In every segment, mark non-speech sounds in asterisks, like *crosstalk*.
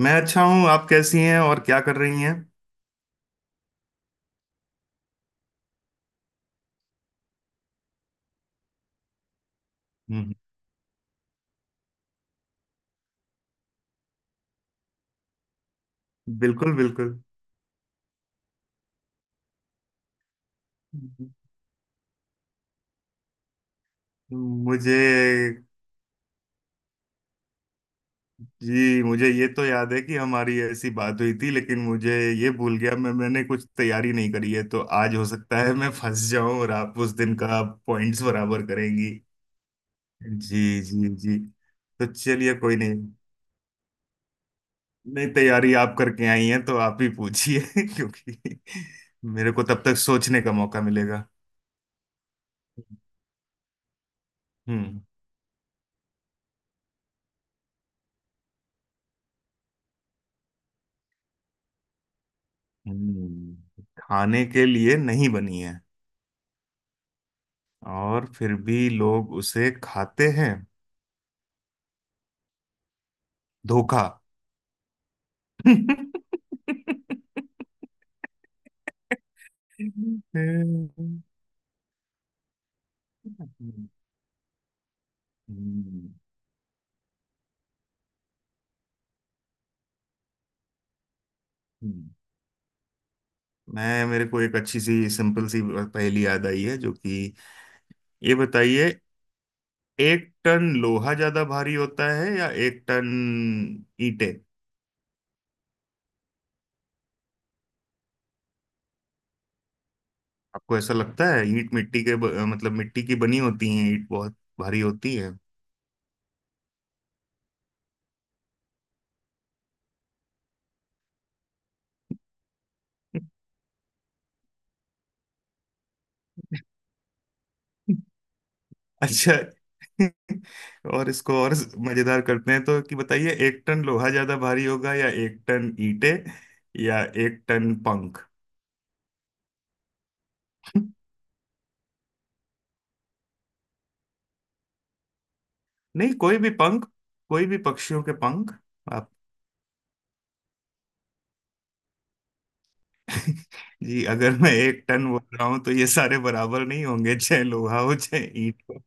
मैं अच्छा हूँ। आप कैसी हैं और क्या कर रही हैं? हम्म, बिल्कुल बिल्कुल। मुझे जी मुझे ये तो याद है कि हमारी ऐसी बात हुई थी, लेकिन मुझे ये भूल गया। मैंने कुछ तैयारी नहीं करी है, तो आज हो सकता है मैं फंस जाऊं और आप उस दिन का पॉइंट्स बराबर करेंगी। जी जी जी। तो चलिए कोई नहीं, नहीं तैयारी आप करके आई हैं तो आप ही पूछिए *laughs* क्योंकि मेरे को तब तक सोचने का मौका मिलेगा। हम्म। हम्म, खाने के लिए नहीं बनी है और फिर भी लोग उसे खाते हैं। धोखा। *laughs* मैं मेरे को एक अच्छी सी सिंपल सी पहेली याद आई है जो कि, ये बताइए, एक टन लोहा ज्यादा भारी होता है या एक टन ईंटें? आपको ऐसा लगता है? ईंट मिट्टी के मतलब मिट्टी की बनी होती है। ईंट बहुत भारी होती है। अच्छा। *laughs* और इसको और मजेदार करते हैं। तो कि बताइए, एक टन लोहा ज्यादा भारी होगा या एक टन ईंटे या एक टन पंख? नहीं कोई भी पंख, कोई भी पक्षियों के पंख। आप। *laughs* जी अगर मैं एक टन बोल रहा हूं तो ये सारे बराबर नहीं होंगे, चाहे लोहा हो चाहे ईंट हो।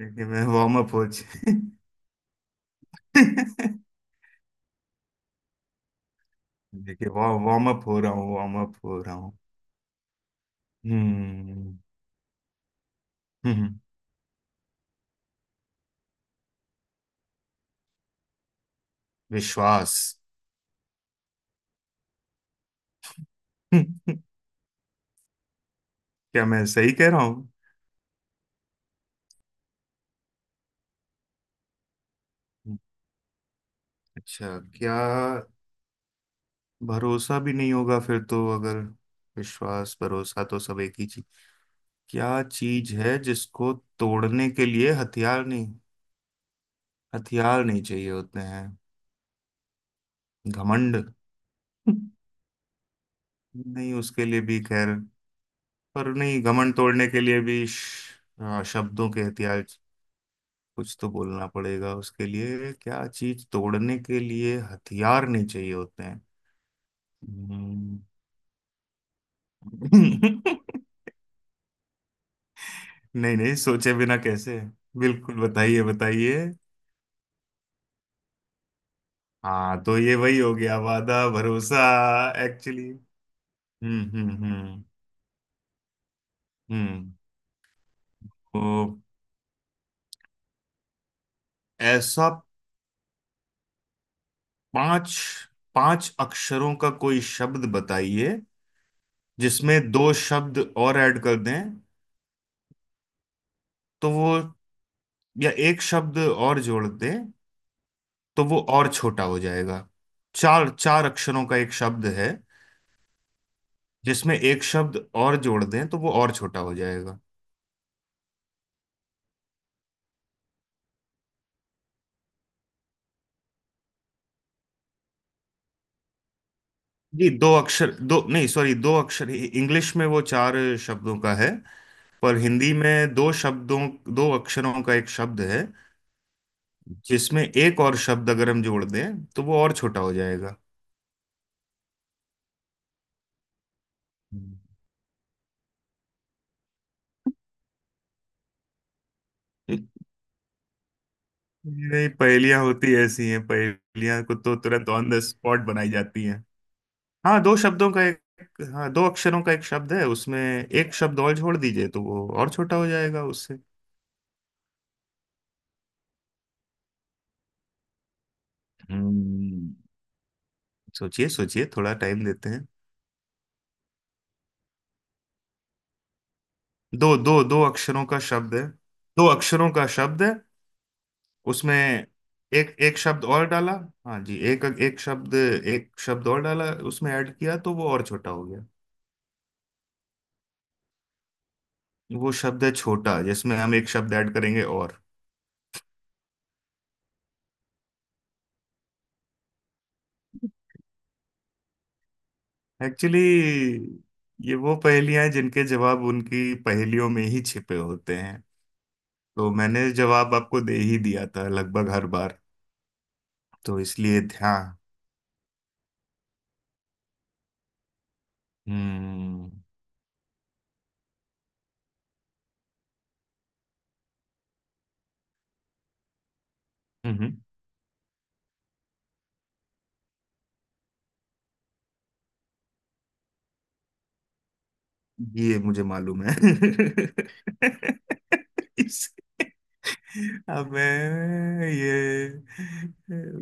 देखिए मैं वार्म अप हो जाए। *laughs* देखिए वार्म अप हो रहा हूँ, वार्म अप हो रहा हूँ। हम्म हम्म, विश्वास। *laughs* क्या, मैं सही कह रहा हूँ? अच्छा क्या? भरोसा भी नहीं होगा फिर तो अगर। विश्वास भरोसा तो सब एक ही चीज। क्या चीज है जिसको तोड़ने के लिए हथियार नहीं, हथियार नहीं चाहिए होते हैं? घमंड। नहीं उसके लिए भी खैर। पर नहीं घमंड तोड़ने के लिए भी हाँ, शब्दों के हथियार। कुछ तो बोलना पड़ेगा उसके लिए। क्या चीज तोड़ने के लिए हथियार नहीं चाहिए होते हैं? हम्म। *laughs* नहीं नहीं सोचे बिना कैसे? बिल्कुल बताइए बताइए। हाँ तो ये वही हो गया वादा भरोसा। एक्चुअली। हम्म हम्म हम्म हम्म। तो ऐसा पांच पांच अक्षरों का कोई शब्द बताइए जिसमें दो शब्द और ऐड कर दें तो वो, या एक शब्द और जोड़ दें तो वो और छोटा हो जाएगा। चार चार अक्षरों का एक शब्द है जिसमें एक शब्द और जोड़ दें तो वो और छोटा हो जाएगा। जी दो अक्षर, दो नहीं, सॉरी, दो अक्षर इंग्लिश में वो चार शब्दों का है, पर हिंदी में दो शब्दों, दो अक्षरों का एक शब्द है जिसमें एक और शब्द अगर हम जोड़ दें तो वो और छोटा हो जाएगा। हम्म। नहीं पहेलियां होती ऐसी हैं, पहेलियां को तो तुरंत ऑन द स्पॉट बनाई जाती हैं। हाँ दो शब्दों का एक। हाँ दो अक्षरों का एक शब्द है, उसमें एक शब्द और जोड़ दीजिए तो वो और छोटा हो जाएगा उससे। हम्म, सोचिए सोचिए, थोड़ा टाइम देते हैं। दो दो दो अक्षरों का शब्द है। दो अक्षरों का शब्द है उसमें एक एक शब्द और डाला। हाँ जी एक एक शब्द, एक शब्द और डाला उसमें, ऐड किया तो वो और छोटा हो गया। वो शब्द है छोटा, जिसमें हम एक शब्द ऐड करेंगे और। एक्चुअली ये वो पहेलियां हैं जिनके जवाब उनकी पहेलियों में ही छिपे होते हैं। तो मैंने जवाब आपको दे ही दिया था लगभग हर बार। तो इसलिए ध्यान। हम्म। हम्म, ये मुझे मालूम है। *laughs* इस-। अबे ये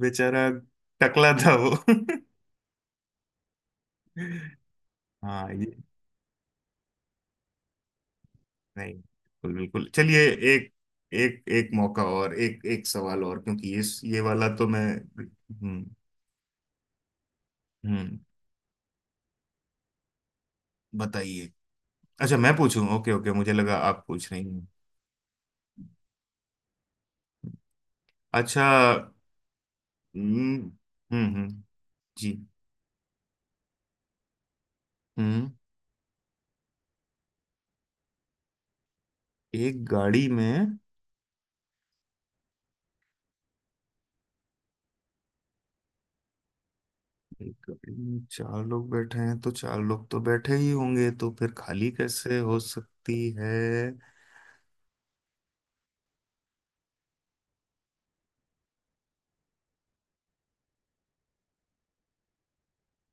बेचारा टकला था वो। हाँ ये, नहीं बिल्कुल बिल्कुल चलिए। एक, एक मौका और, एक एक सवाल और, क्योंकि ये वाला तो मैं। हम्म। हम्म। बताइए। अच्छा मैं पूछूं? ओके ओके, मुझे लगा आप पूछ रही हैं। अच्छा। हम्म। हम्म, जी। हम्म। एक गाड़ी में। एक गाड़ी में चार लोग बैठे हैं तो चार लोग तो बैठे ही होंगे, तो फिर खाली कैसे हो सकती है?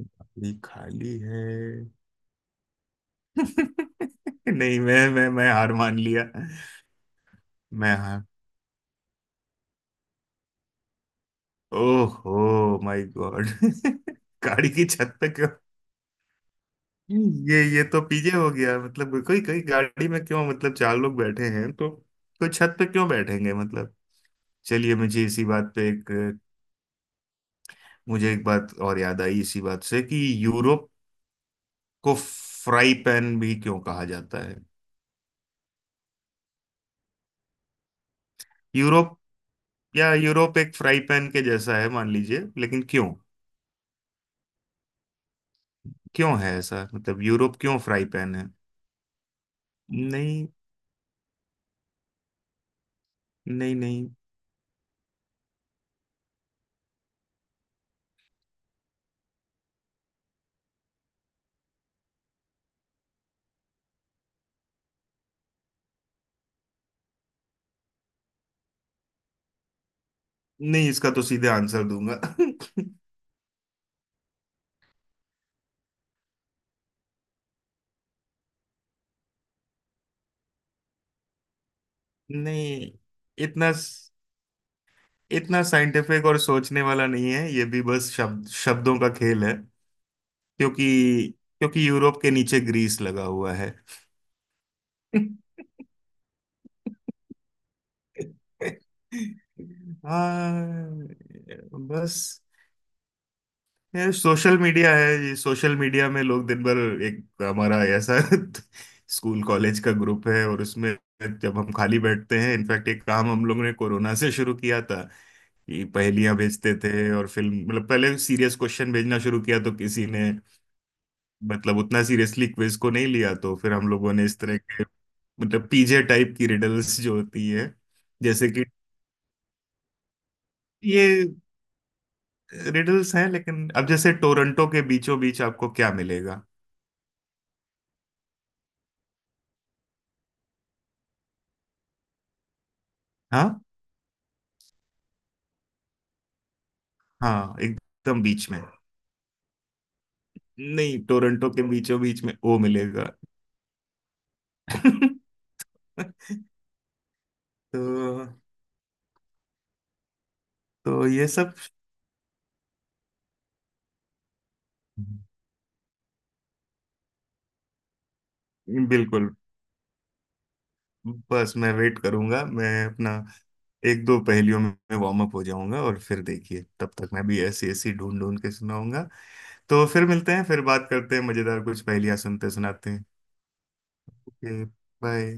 गाड़ी खाली है? *laughs* नहीं मैं हार मान लिया। मैं हार। ओहो माय गॉड। *laughs* गाड़ी की छत पे क्यों? ये तो पीजे हो गया। मतलब कोई, कोई गाड़ी में क्यों, मतलब चार लोग बैठे हैं तो कोई छत पे क्यों बैठेंगे, मतलब। चलिए मुझे इसी बात पे एक, मुझे एक बात और याद आई इसी बात से कि यूरोप को फ्राई पैन भी क्यों कहा जाता है? यूरोप, या यूरोप एक फ्राई पैन के जैसा है मान लीजिए, लेकिन क्यों? क्यों है ऐसा, मतलब यूरोप क्यों फ्राई पैन है? नहीं। नहीं नहीं नहीं इसका तो सीधे आंसर दूंगा। *laughs* नहीं इतना, इतना साइंटिफिक और सोचने वाला नहीं है ये, भी बस शब्द, शब्दों का खेल है। क्योंकि, क्योंकि यूरोप के नीचे ग्रीस लगा हुआ है। *laughs* हाँ बस। ये सोशल मीडिया है, ये सोशल मीडिया में लोग दिन भर, एक हमारा ऐसा *laughs* स्कूल कॉलेज का ग्रुप है और उसमें जब हम खाली बैठते हैं। इनफैक्ट एक काम हम लोगों ने कोरोना से शुरू किया था कि पहेलियां भेजते थे। और फिल्म, मतलब पहले सीरियस क्वेश्चन भेजना शुरू किया तो किसी ने, मतलब उतना सीरियसली क्विज को नहीं लिया तो फिर हम लोगों ने इस तरह के, मतलब पीजे टाइप की रिडल्स जो होती है जैसे कि ये, रिडल्स हैं लेकिन। अब जैसे टोरंटो के बीचों बीच आपको क्या मिलेगा? हाँ? हाँ एकदम बीच में। नहीं टोरंटो के बीचों बीच में ओ मिलेगा। *laughs* तो तो ये सब। बिल्कुल। बस मैं वेट करूंगा। मैं अपना एक दो पहेलियों में वार्म अप हो जाऊंगा और फिर देखिए तब तक मैं भी ऐसी ऐसी ढूंढ ढूंढ के सुनाऊंगा। तो फिर मिलते हैं, फिर बात करते हैं, मजेदार कुछ पहेलियां सुनते सुनाते हैं। ओके। बाय।